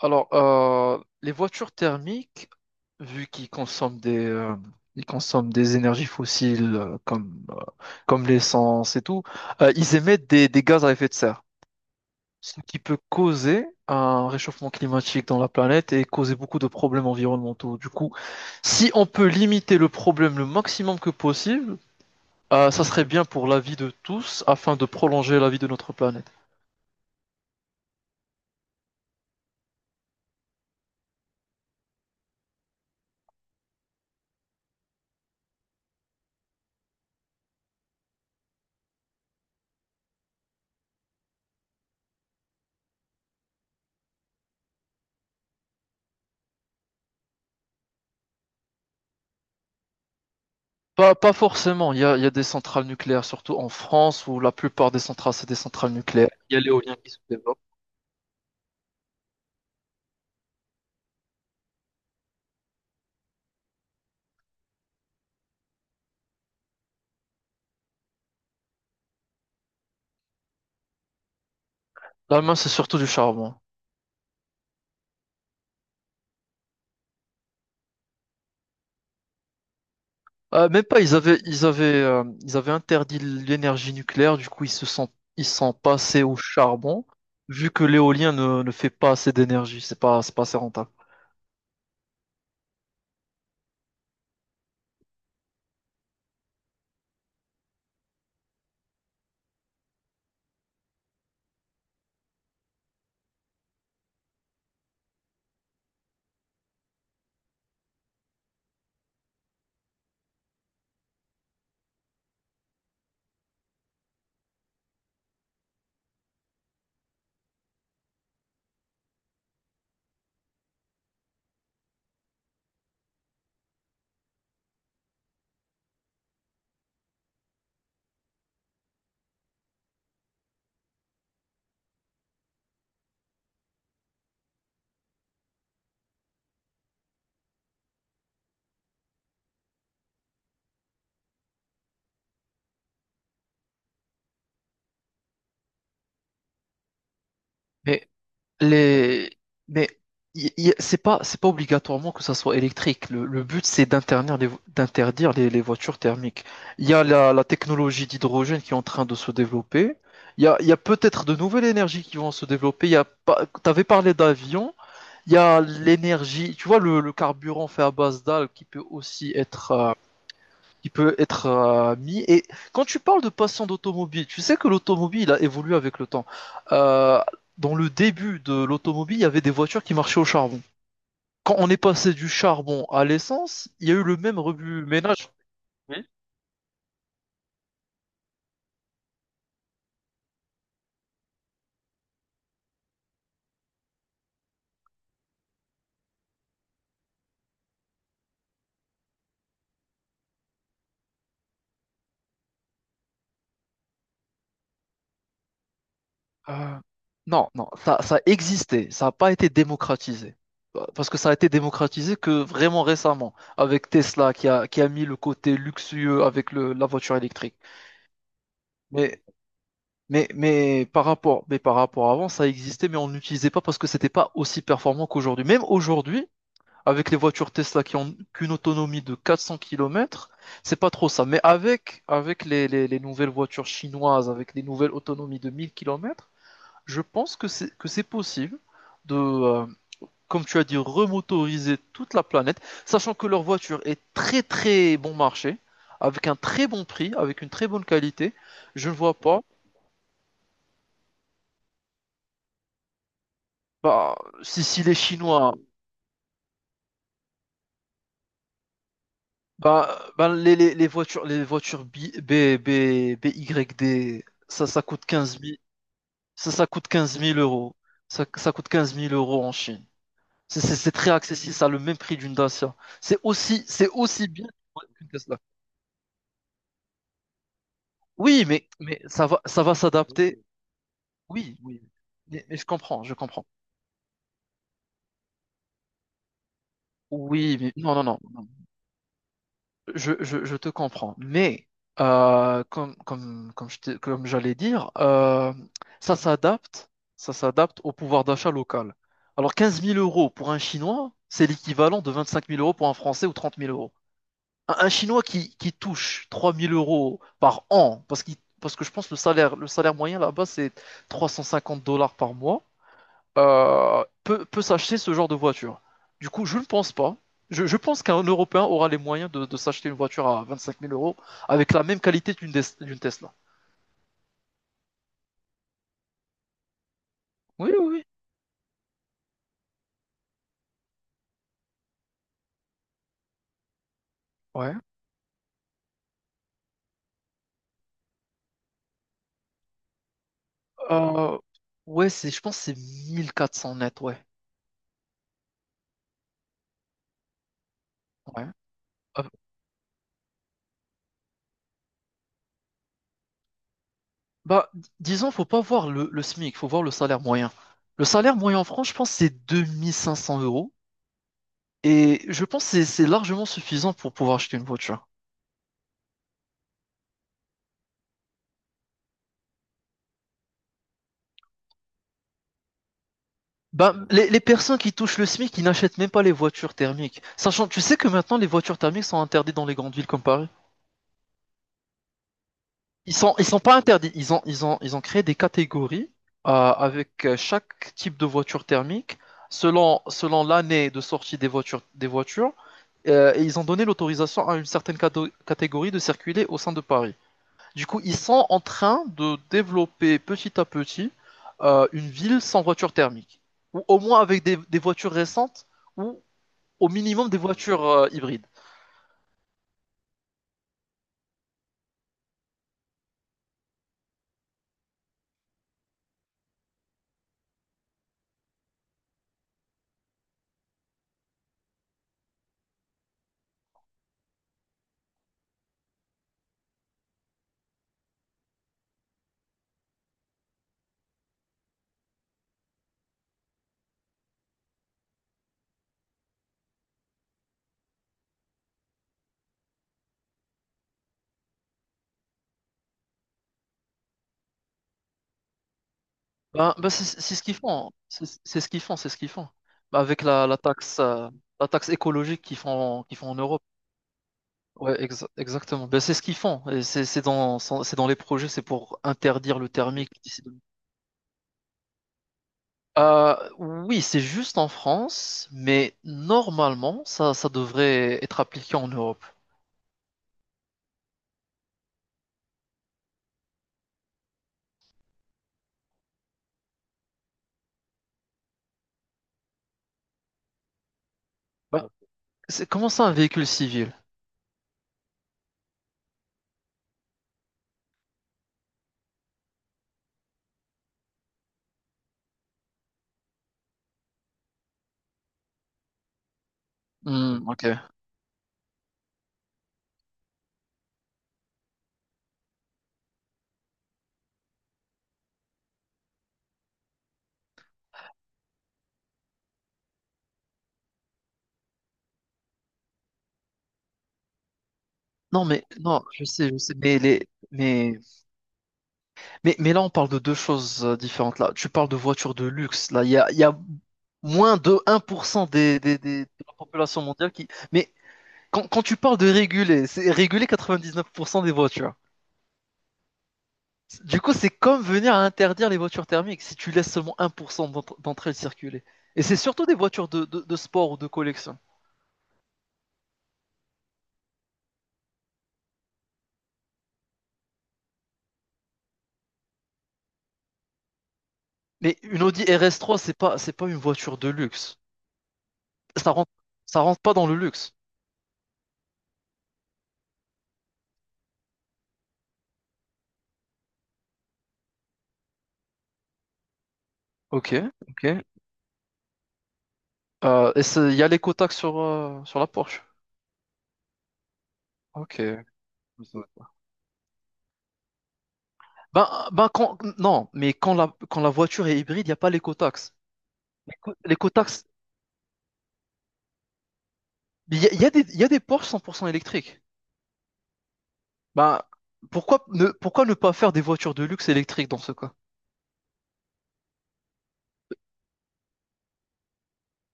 Alors, les voitures thermiques, vu qu'ils consomment ils consomment des énergies fossiles comme l'essence et tout, ils émettent des gaz à effet de serre, ce qui peut causer un réchauffement climatique dans la planète et causer beaucoup de problèmes environnementaux. Du coup, si on peut limiter le problème le maximum que possible, ça serait bien pour la vie de tous afin de prolonger la vie de notre planète. Pas forcément. Il y a des centrales nucléaires, surtout en France, où la plupart des centrales, c'est des centrales nucléaires. Il y a l'éolien qui se développe. L'Allemagne, c'est surtout du charbon. Même pas, ils avaient interdit l'énergie nucléaire, du coup, ils sont passés au charbon, vu que l'éolien ne fait pas assez d'énergie. C'est pas assez rentable. Mais les... Mais c'est pas obligatoirement que ça soit électrique. Le but, c'est d'interdire d'interdire les voitures thermiques. Il y a la technologie d'hydrogène qui est en train de se développer. Il y a peut-être de nouvelles énergies qui vont se développer. Il y a pas... T'avais parlé d'avions. Il y a l'énergie, tu vois, le carburant fait à base d'algues qui peut aussi qui peut être mis. Et quand tu parles de passant d'automobile, tu sais que l'automobile a évolué avec le temps. Euh, Dans le début de l'automobile, il y avait des voitures qui marchaient au charbon. Quand on est passé du charbon à l'essence, il y a eu le même rebut ménage. Euh, non, non, ça existait, ça n'a pas été démocratisé. Parce que ça a été démocratisé que vraiment récemment, avec Tesla qui a mis le côté luxueux avec la voiture électrique. Mais Mais, mais par rapport à avant, ça existait, mais on n'utilisait pas parce que c'était pas aussi performant qu'aujourd'hui. Même aujourd'hui, avec les voitures Tesla qui ont qu'une autonomie de 400 kilomètres, c'est pas trop ça. Mais avec les nouvelles voitures chinoises, avec les nouvelles autonomies de 1000 kilomètres, je pense que que c'est possible de, euh, comme tu as dit, remotoriser toute la planète, sachant que leur voiture est très très bon marché, avec un très bon prix, avec une très bonne qualité. Je ne vois pas. Bah, si, si les Chinois, bah, bah, les voitures BYD, ça coûte quinze mille, ça coûte quinze mille euros. Ça coûte quinze mille euros en Chine. C'est très accessible, ça a le même prix d'une Dacia. C'est aussi bien qu'une Tesla. Oui, mais, ça va s'adapter. Oui, oui. Mais, je comprends. Oui, mais non, non, non. Je te comprends, mais comme comme j'allais dire, ça s'adapte, ça s'adapte au pouvoir d'achat local. Alors 15 000 euros pour un Chinois, c'est l'équivalent de 25 000 euros pour un Français ou 30 000 euros. Un Chinois qui touche 3 000 euros par an, parce que je pense que le salaire moyen là-bas, c'est $350 par mois peut s'acheter ce genre de voiture. Du coup, je ne pense pas. Je pense qu'un Européen aura les moyens de s'acheter une voiture à 25 000 euros avec la même qualité d'une Tesla. Oui, oui, oui. Ouais. Euh, ouais, je pense que c'est 1400 net, ouais. Ouais. Euh, Bah, disons, faut pas voir le SMIC, faut voir le salaire moyen. Le salaire moyen en France, je pense, c'est 2500 euros. Et je pense que c'est largement suffisant pour pouvoir acheter une voiture. Bah, les personnes qui touchent le SMIC, ils n'achètent même pas les voitures thermiques. Sachant, tu sais que maintenant les voitures thermiques sont interdites dans les grandes villes comme Paris. Ils sont pas interdits. Ils ont créé des catégories avec chaque type de voiture thermique selon l'année de sortie des voitures, des voitures. Et ils ont donné l'autorisation à une certaine catégorie de circuler au sein de Paris. Du coup, ils sont en train de développer petit à petit une ville sans voiture thermique, ou au moins avec des voitures récentes ou au minimum des voitures hybrides. C'est ce qu'ils font, hein. C'est ce qu'ils font. Ben, avec la taxe écologique qu'ils font en Europe. Ouais, exactement. Ben, c'est ce qu'ils font. Et c'est dans les projets, c'est pour interdire le thermique d'ici mille. Oui, c'est juste en France, mais normalement, ça devrait être appliqué en Europe. Ben, c'est comment ça un véhicule civil? Hmm, ok. Non, mais non, je sais, mais, on parle de deux choses différentes. Là, tu parles de voitures de luxe. Là, il y a moins de 1% de la population mondiale qui. Mais quand tu parles de réguler, c'est réguler 99% des voitures. Du coup, c'est comme venir à interdire les voitures thermiques si tu laisses seulement 1% d'entre elles circuler. Et c'est surtout des voitures de sport ou de collection. Mais une Audi RS3, c'est pas une voiture de luxe. Ça rentre, ça rentre pas dans le luxe. Ok, ok. Et il y a l'éco-taxe sur la Porsche. Ok. Ben, ben quand, non, mais quand quand la voiture est hybride, il n'y a pas l'éco-taxe. L'éco-, l'éco-taxe, il y a des Porsche 100% électriques. Ben, pourquoi ne pas faire des voitures de luxe électriques dans ce cas?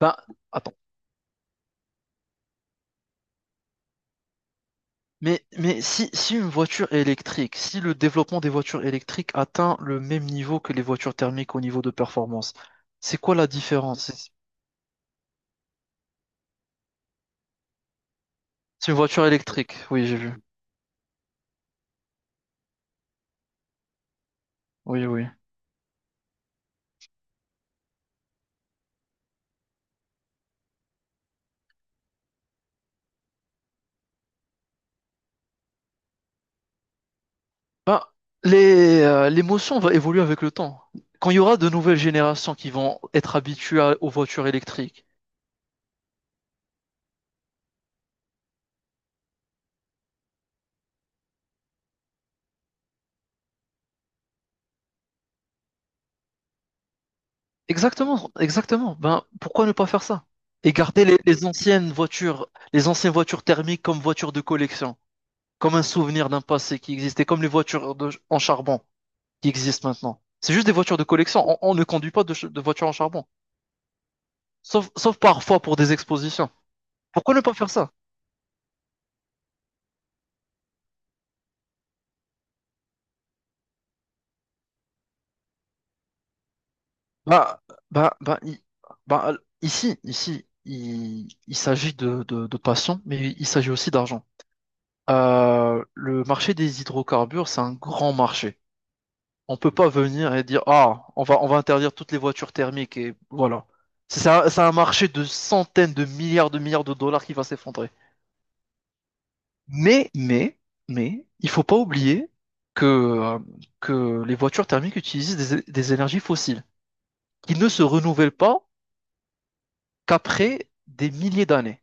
Ben, attends. Mais, si une voiture est électrique, si le développement des voitures électriques atteint le même niveau que les voitures thermiques au niveau de performance, c'est quoi la différence? C'est une voiture électrique, oui, j'ai vu. Oui, oui. Ben, l'émotion va évoluer avec le temps. Quand il y aura de nouvelles générations qui vont être habituées aux voitures électriques. Exactement, exactement. Ben, pourquoi ne pas faire ça? Et garder les anciennes voitures thermiques comme voitures de collection, comme un souvenir d'un passé qui existait, comme les voitures en charbon qui existent maintenant. C'est juste des voitures de collection. On ne conduit pas de voitures en charbon, sauf, sauf parfois pour des expositions. Pourquoi ne pas faire ça? Bah, bah, bah, i- ici, il s'agit de passion, mais il s'agit aussi d'argent. Le marché des hydrocarbures, c'est un grand marché. On peut pas venir et dire, ah, on va interdire toutes les voitures thermiques et voilà. C'est un marché de centaines de milliards de milliards de dollars qui va s'effondrer. Mais, mais, mais, il faut pas oublier que, euh, que les voitures thermiques utilisent des énergies fossiles qui ne se renouvellent pas qu'après des milliers d'années.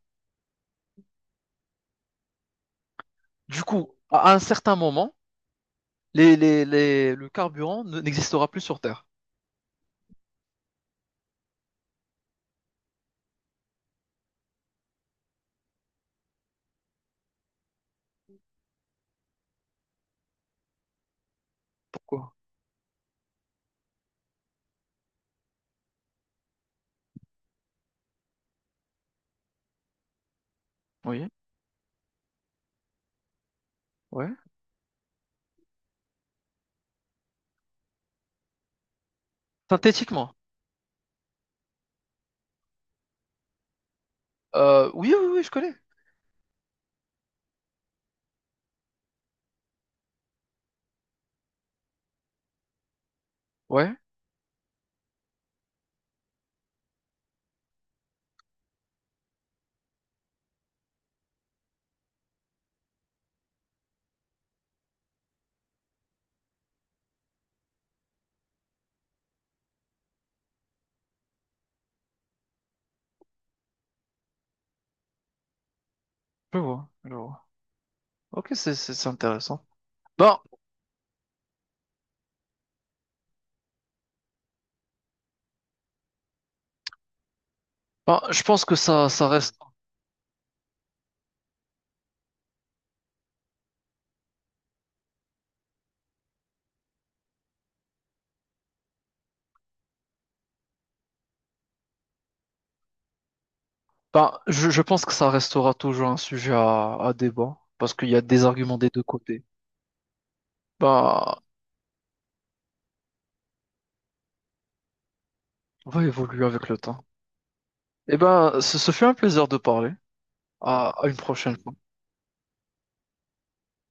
Du coup, à un certain moment, le carburant n'existera plus sur Terre. Pourquoi? Oui, ouais. Synthétiquement. Oui, oui, oui, je connais. Ouais, je vois, je vois. Ok, c'est intéressant. Ben, je pense que ça reste. Ben, je pense que ça restera toujours un sujet à débat parce qu'il y a des arguments des deux côtés. Ben, on va évoluer avec le temps. Eh ben, ce fut un plaisir de parler. À à une prochaine fois.